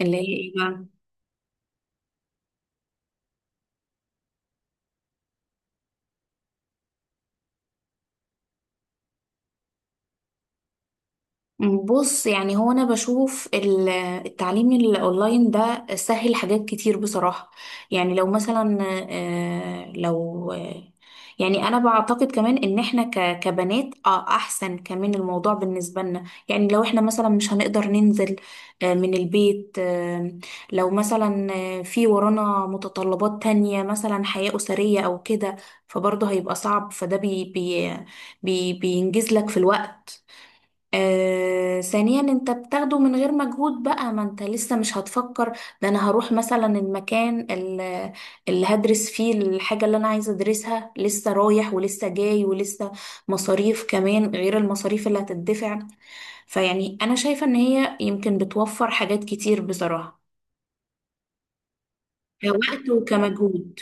اللي هي ايه بقى؟ بص، يعني هو انا بشوف التعليم الاونلاين ده سهل حاجات كتير بصراحة. يعني لو مثلا آه، لو آه، يعني انا بعتقد كمان ان احنا كبنات احسن كمان الموضوع بالنسبة لنا. يعني لو احنا مثلا مش هنقدر ننزل من البيت، لو مثلا في ورانا متطلبات تانية مثلا حياة أسرية او كده، فبرضه هيبقى صعب. فده بي بي بي بينجز لك في الوقت. ثانيا انت بتاخده من غير مجهود بقى، ما انت لسه مش هتفكر ده انا هروح مثلا المكان اللي هدرس فيه الحاجة اللي انا عايزة ادرسها، لسه رايح ولسه جاي ولسه مصاريف كمان غير المصاريف اللي هتدفع. فيعني انا شايفة ان هي يمكن بتوفر حاجات كتير بصراحة، كوقت وكمجهود.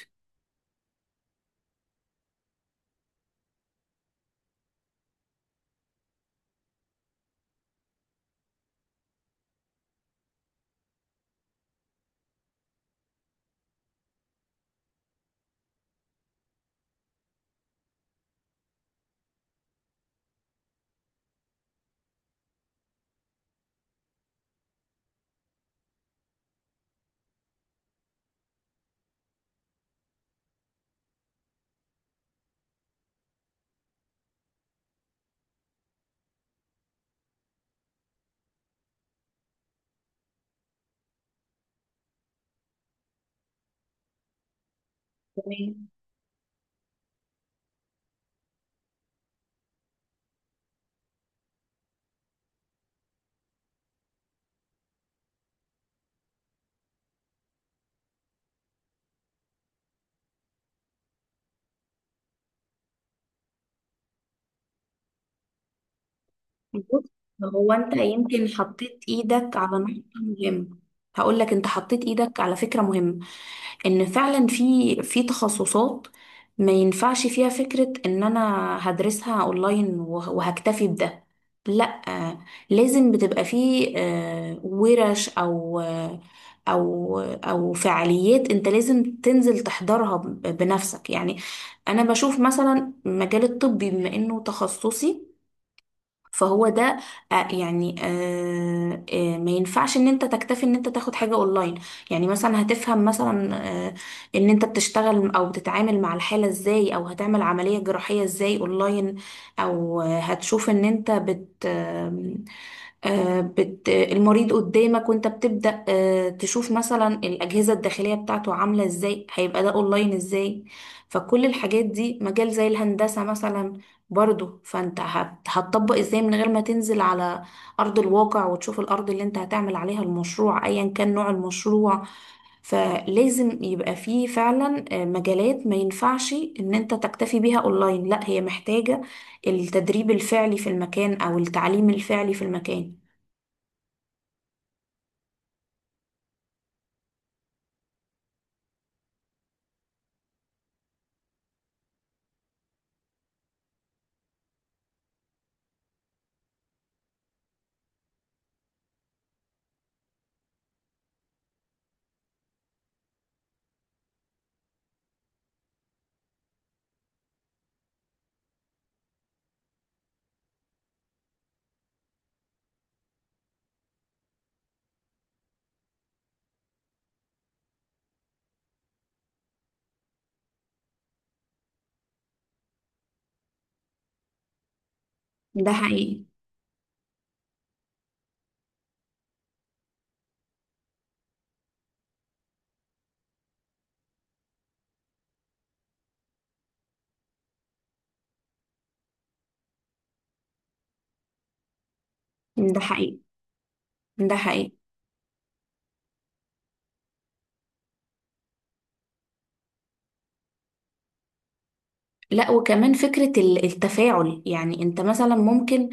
تمام. بص، هو انت يمكن حطيت ايدك على نقطة مهمة. هقول لك انت حطيت ايدك على فكرة مهمة، ان فعلا في تخصصات ما ينفعش فيها فكرة ان انا هدرسها اونلاين وهكتفي بده. لا، لازم بتبقى فيه ورش او او فعاليات انت لازم تنزل تحضرها بنفسك يعني. انا بشوف مثلا مجال الطب بما انه تخصصي، فهو ده ما ينفعش ان انت تكتفي ان انت تاخد حاجة اونلاين. يعني مثلا هتفهم مثلا آه، ان انت بتشتغل او بتتعامل مع الحالة ازاي، او هتعمل عملية جراحية ازاي اونلاين؟ او هتشوف ان انت بت آم، آه، بت المريض قدامك، وانت بتبدأ تشوف مثلا الأجهزة الداخلية بتاعته عاملة ازاي، هيبقى ده اونلاين ازاي؟ فكل الحاجات دي، مجال زي الهندسة مثلا برضو، فانت هتطبق ازاي من غير ما تنزل على ارض الواقع وتشوف الارض اللي انت هتعمل عليها المشروع، ايا كان نوع المشروع. فلازم يبقى فيه فعلا مجالات ما ينفعش ان انت تكتفي بيها اونلاين، لا، هي محتاجة التدريب الفعلي في المكان او التعليم الفعلي في المكان. ده حقيقي. ده حقيقي. ده حقيقي. لا وكمان فكرة التفاعل، يعني انت مثلا ممكن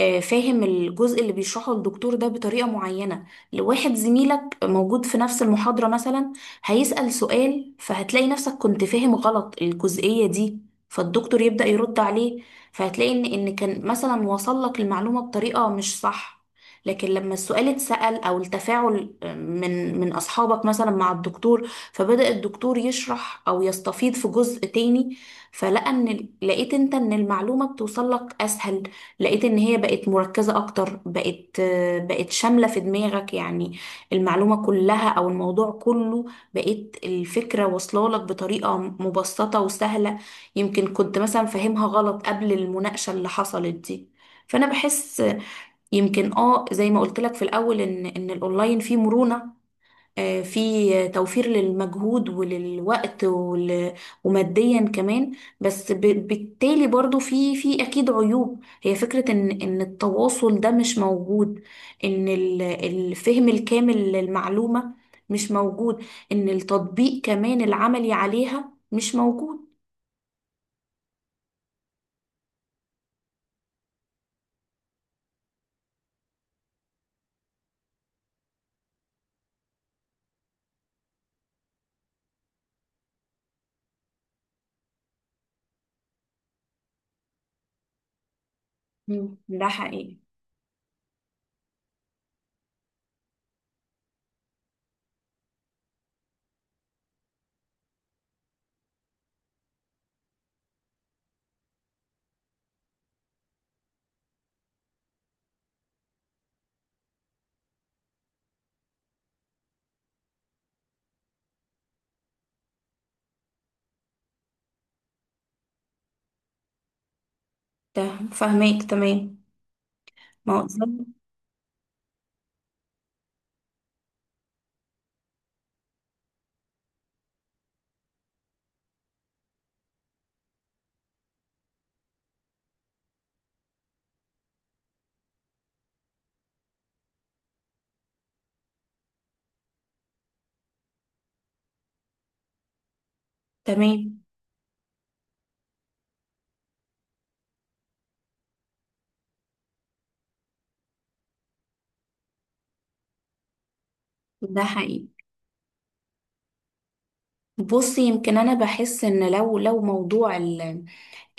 فاهم الجزء اللي بيشرحه الدكتور ده بطريقة معينة، لواحد زميلك موجود في نفس المحاضرة مثلا هيسأل سؤال، فهتلاقي نفسك كنت فاهم غلط الجزئية دي. فالدكتور يبدأ يرد عليه، فهتلاقي ان كان مثلا وصل لك المعلومة بطريقة مش صح، لكن لما السؤال اتسأل او التفاعل من اصحابك مثلا مع الدكتور، فبدأ الدكتور يشرح او يستفيض في جزء تاني، فلقى ان لقيت انت ان المعلومة بتوصل لك اسهل. لقيت ان هي بقت مركزة اكتر، بقت بقت شاملة في دماغك يعني، المعلومة كلها او الموضوع كله. بقيت الفكرة واصلة لك بطريقة مبسطة وسهلة، يمكن كنت مثلا فاهمها غلط قبل المناقشة اللي حصلت دي. فانا بحس، يمكن اه زي ما قلت لك في الاول، ان الاونلاين فيه مرونة، في توفير للمجهود وللوقت وماديا كمان. بس بالتالي برضو في اكيد عيوب، هي فكرة ان التواصل ده مش موجود، ان الفهم الكامل للمعلومة مش موجود، ان التطبيق كمان العملي عليها مش موجود. ده حقيقي. ده فهماك تمام. ما هو بالظبط. تمام. ده حقيقي. بصي، يمكن انا بحس ان لو موضوع ال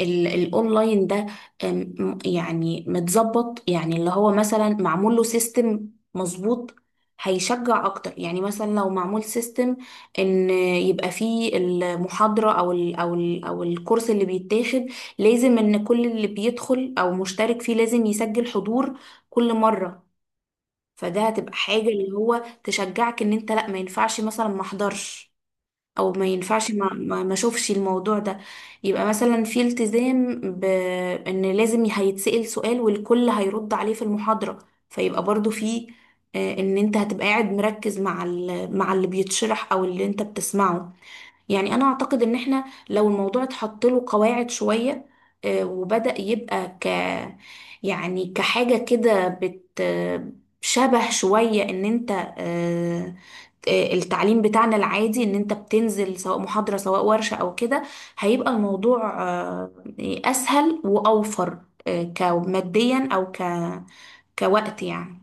ال- الاونلاين ده يعني متظبط، يعني اللي هو مثلا معمول له سيستم مظبوط، هيشجع اكتر. يعني مثلا لو معمول سيستم ان يبقى فيه المحاضرة او ال او الكورس اللي بيتاخد، لازم ان كل اللي بيدخل او مشترك فيه لازم يسجل حضور كل مرة. فده هتبقى حاجة اللي هو تشجعك ان انت لا ما ينفعش مثلا ما احضرش، او ما ينفعش ما اشوفش الموضوع ده. يبقى مثلا في التزام بان لازم هيتسأل سؤال والكل هيرد عليه في المحاضرة. فيبقى برضو في ان انت هتبقى قاعد مركز مع مع اللي بيتشرح او اللي انت بتسمعه. يعني انا اعتقد ان احنا لو الموضوع اتحط له قواعد شوية، وبدأ يبقى ك يعني كحاجة كده بت شبه شوية ان انت آه، التعليم بتاعنا العادي، ان انت بتنزل سواء محاضرة سواء ورشة او كده، هيبقى الموضوع اسهل واوفر، كماديا او كوقت يعني.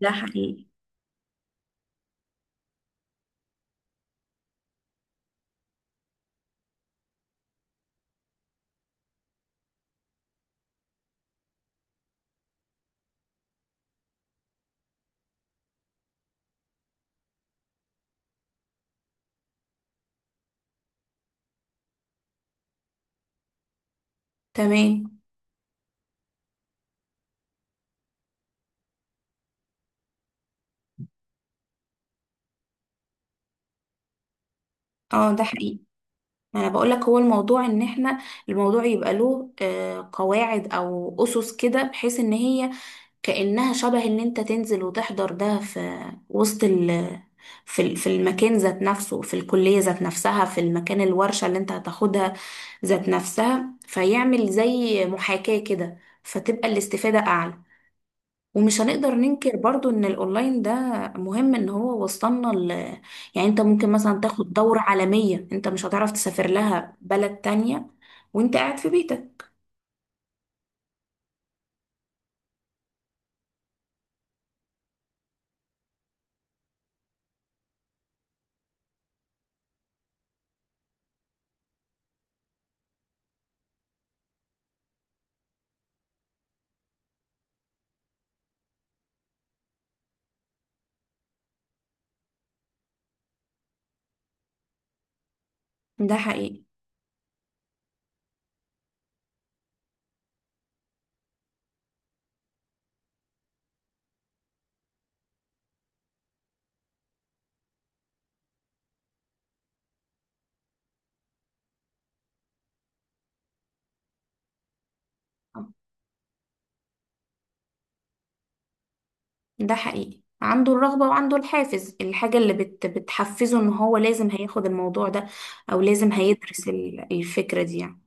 ده حقيقي. تمام. اه ده حقيقي. ما انا بقولك، هو الموضوع ان احنا الموضوع يبقى له قواعد او اسس كده، بحيث ان هي كأنها شبه ان انت تنزل وتحضر ده في وسط، في في المكان ذات نفسه، في الكلية ذات نفسها، في المكان الورشة اللي انت هتاخدها ذات نفسها، فيعمل زي محاكاة كده، فتبقى الاستفادة أعلى. ومش هنقدر ننكر برضو ان الاونلاين ده مهم، ان هو وصلنا يعني انت ممكن مثلا تاخد دورة عالمية انت مش هتعرف تسافر لها بلد تانية وانت قاعد في بيتك. ده حقيقي. ده حقيقي، عنده الرغبة وعنده الحافز، الحاجة اللي بتحفزه ان هو لازم هياخد الموضوع ده او لازم هيدرس الفكرة دي يعني.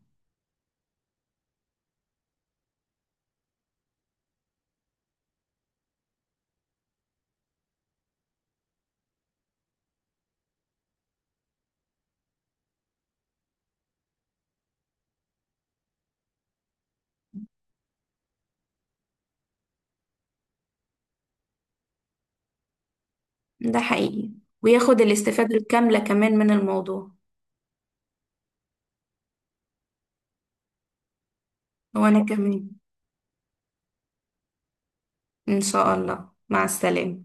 ده حقيقي، وياخد الاستفادة الكاملة كمان من الموضوع. وانا كمان. ان شاء الله، مع السلامة.